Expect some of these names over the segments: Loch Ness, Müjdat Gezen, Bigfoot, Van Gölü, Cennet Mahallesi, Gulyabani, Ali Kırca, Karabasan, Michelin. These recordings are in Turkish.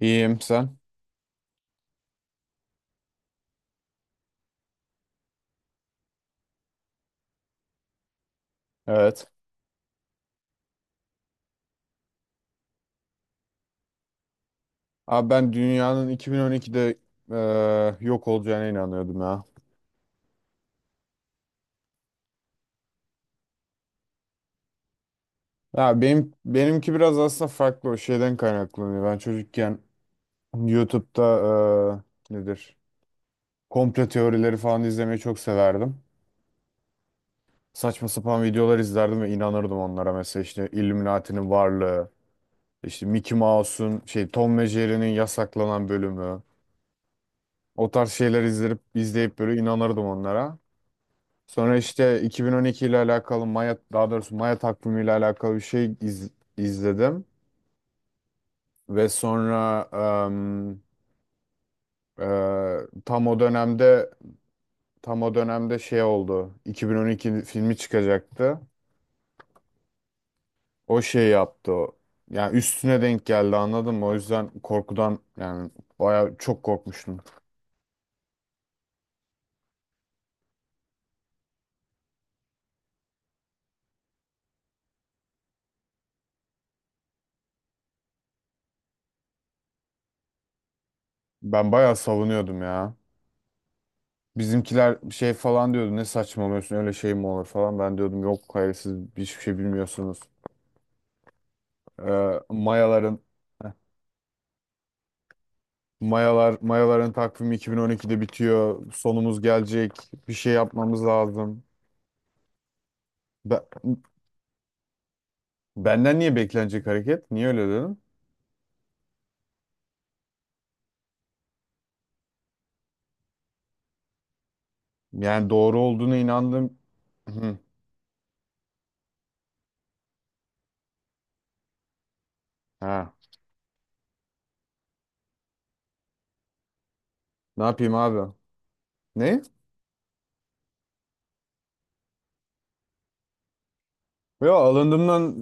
İyiyim, sen? Evet. Abi ben dünyanın 2012'de e, yok olacağına inanıyordum ya. Ya benim benimki biraz aslında farklı, o şeyden kaynaklanıyor. Ben çocukken YouTube'da nedir? Komplo teorileri falan izlemeyi çok severdim. Saçma sapan videolar izlerdim ve inanırdım onlara. Mesela işte Illuminati'nin varlığı, işte Mickey Mouse'un şey, Tom ve Jerry'nin yasaklanan bölümü. O tarz şeyler izleyip izleyip böyle inanırdım onlara. Sonra işte 2012 ile alakalı Maya, daha doğrusu Maya takvimi ile alakalı bir şey izledim ve sonra em, tam o dönemde şey oldu. 2012 filmi çıkacaktı. O şey yaptı o. Yani üstüne denk geldi, anladın mı? O yüzden korkudan yani baya çok korkmuştum. Ben bayağı savunuyordum ya. Bizimkiler şey falan diyordu, ne saçmalıyorsun, öyle şey mi olur falan. Ben diyordum yok, hayır, siz hiçbir şey bilmiyorsunuz. Mayaların. Heh. Mayaların takvimi 2012'de bitiyor. Sonumuz gelecek. Bir şey yapmamız lazım. Be- Benden niye beklenecek hareket? Niye öyle dedim? Yani doğru olduğuna inandım. Hı. Ha. Ne yapayım abi? Ne? Yo, alındığımdan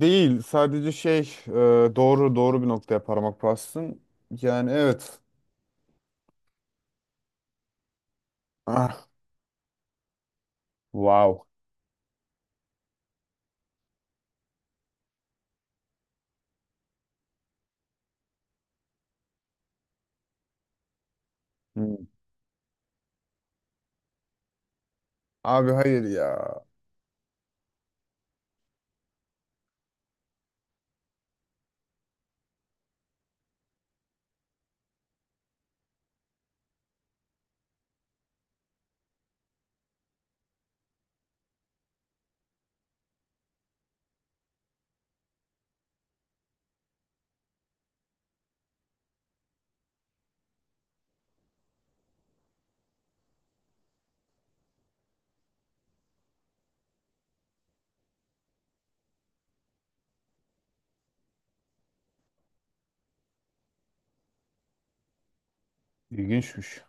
değil. Sadece şey e, doğru bir noktaya parmak bastın. Yani evet. Ah, wow. Hı. Abi, hayır ya. İlginçmiş.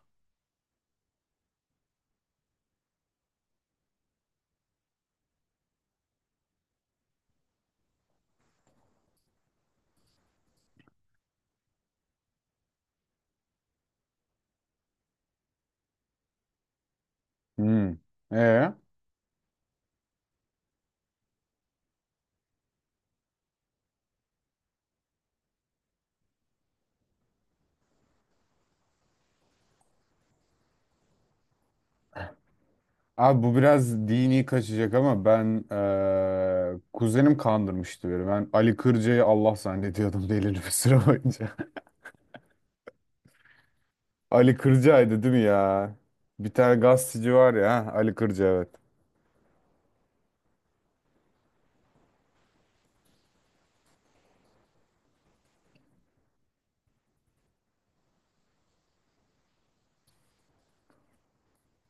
Hı. E? Abi, bu biraz dini kaçacak ama ben kuzenim kandırmıştı beni. Ben Ali Kırca'yı Allah zannediyordum belirli bir süre boyunca. Ali Kırca'ydı, değil mi ya? Bir tane gazeteci var ya, ha, Ali Kırca, evet.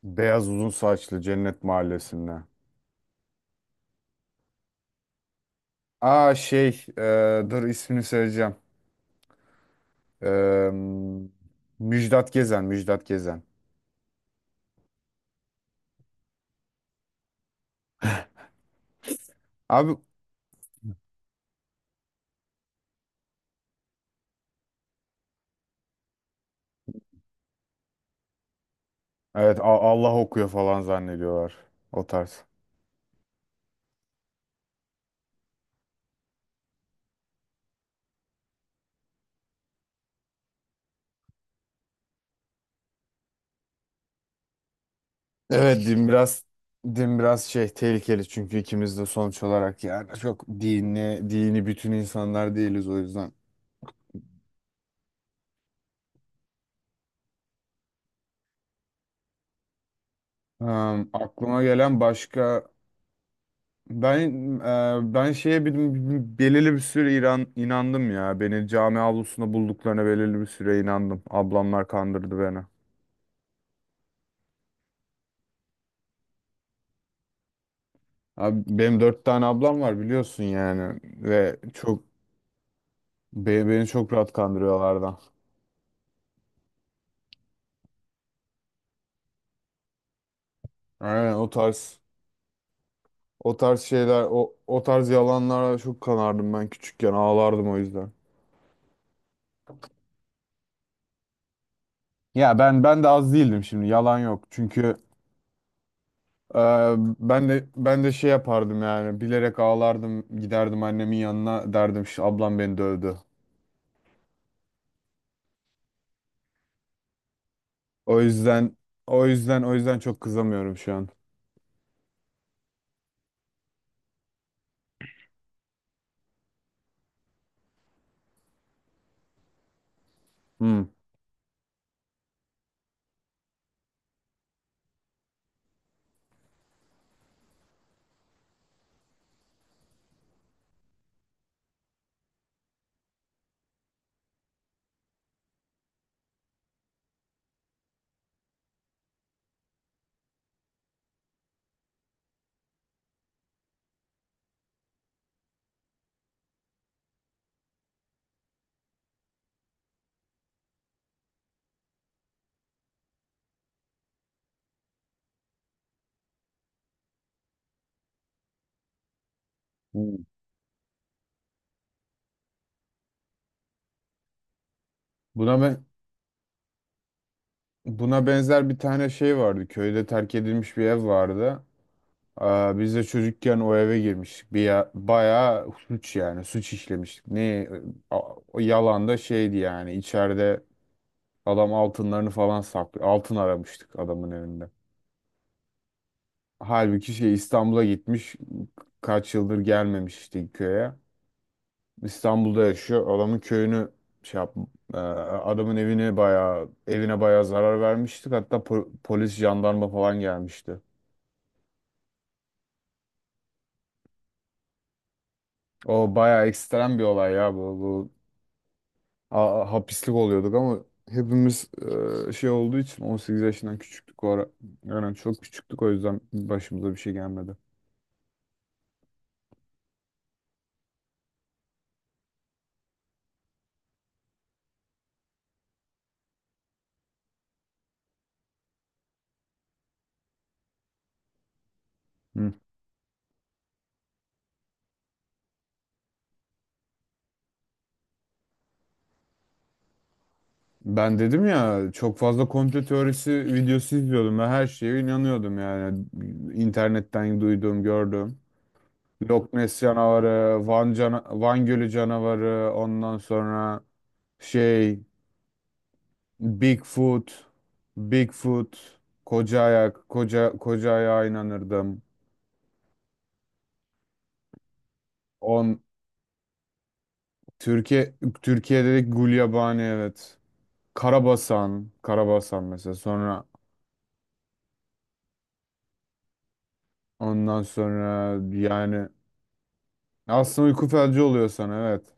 Beyaz uzun saçlı Cennet Mahallesi'nde. Aa, şey, dur ismini söyleyeceğim. Eee, Müjdat Gezen, Müjdat Gezen. Abi, evet, Allah okuyor falan zannediyorlar, o tarz. Evet, din biraz şey, tehlikeli çünkü ikimiz de sonuç olarak yani çok dini bütün insanlar değiliz, o yüzden. Aklıma gelen başka, ben ben şeye belirli bir süre İran inandım ya. Beni cami avlusunda bulduklarına belirli bir süre inandım. Ablamlar kandırdı beni. Abi, benim dört tane ablam var biliyorsun yani, ve çok beni çok rahat kandırıyorlardı. Aynen, o tarz. O tarz şeyler, o tarz yalanlara çok kanardım ben küçükken. Ağlardım o yüzden. Ya, ben de az değildim şimdi. Yalan yok. Çünkü e, ben de şey yapardım yani. Bilerek ağlardım. Giderdim annemin yanına, derdim şu ablam beni dövdü. O yüzden O yüzden çok kızamıyorum şu an. Hmm. Hmm. Buna ben Buna benzer bir tane şey vardı. Köyde terk edilmiş bir ev vardı. Aa, biz de çocukken o eve girmiştik. Bir ya, bayağı suç, yani suç işlemiştik. A- O yalan da şeydi yani, içeride adam altınlarını falan saklıyor. Altın aramıştık adamın evinde. Halbuki şey, İstanbul'a gitmiş, kaç yıldır gelmemiş işte köye. İstanbul'da yaşıyor. Adamın köyünü şey yap, adamın evini bayağı, evine bayağı zarar vermiştik. Hatta polis, jandarma falan gelmişti. O bayağı ekstrem bir olay ya bu. Hapislik oluyorduk ama hepimiz şey olduğu için 18 yaşından küçüktük o ara. Yani çok küçüktük, o yüzden başımıza bir şey gelmedi. Hı. Ben dedim ya, çok fazla komplo teorisi videosu izliyordum ve her şeye inanıyordum yani, internetten duyduğum, gördüğüm. Loch Ness canavarı, Van Gölü canavarı, ondan sonra şey, Bigfoot, Bigfoot, koca ayak, koca koca ayağa inanırdım. On Türkiye Türkiye'de de Gulyabani, evet. Karabasan mesela. Sonra ondan sonra yani aslında uyku felci oluyor sana, evet.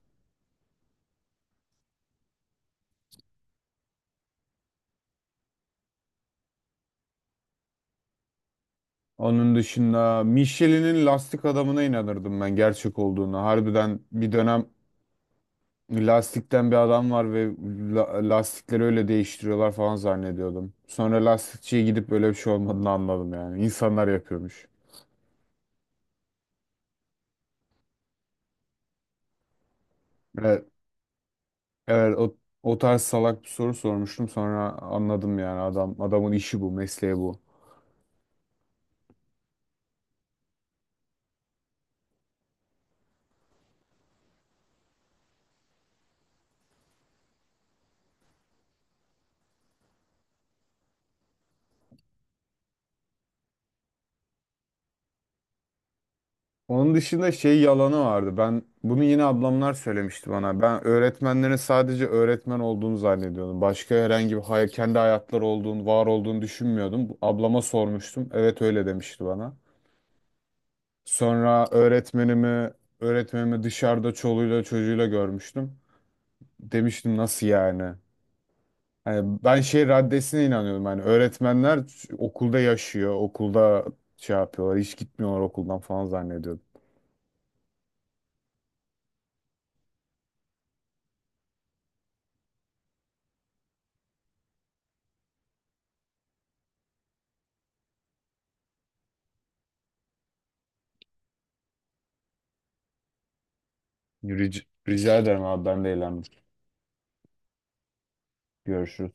Onun dışında Michelin'in lastik adamına inanırdım ben, gerçek olduğuna. Harbiden bir dönem. Lastikten bir adam var ve lastikleri öyle değiştiriyorlar falan zannediyordum. Sonra lastikçiye gidip böyle bir şey olmadığını anladım yani. İnsanlar yapıyormuş. Evet, evet, o tarz salak bir soru sormuştum, sonra anladım yani adamın işi bu, mesleği bu. Onun dışında şey yalanı vardı. Ben bunu yine ablamlar söylemişti bana. Ben öğretmenlerin sadece öğretmen olduğunu zannediyordum. Başka herhangi bir kendi hayatları olduğunu, var olduğunu düşünmüyordum. Ablama sormuştum. Evet, öyle demişti bana. Sonra öğretmenimi dışarıda çoluğuyla çocuğuyla görmüştüm. Demiştim, nasıl yani? Hani ben şey raddesine inanıyordum. Hani öğretmenler okulda yaşıyor, okulda şey yapıyorlar, hiç gitmiyorlar okuldan falan zannediyordum. Rica, rica ederim abi, ben de eğlendim. Görüşürüz.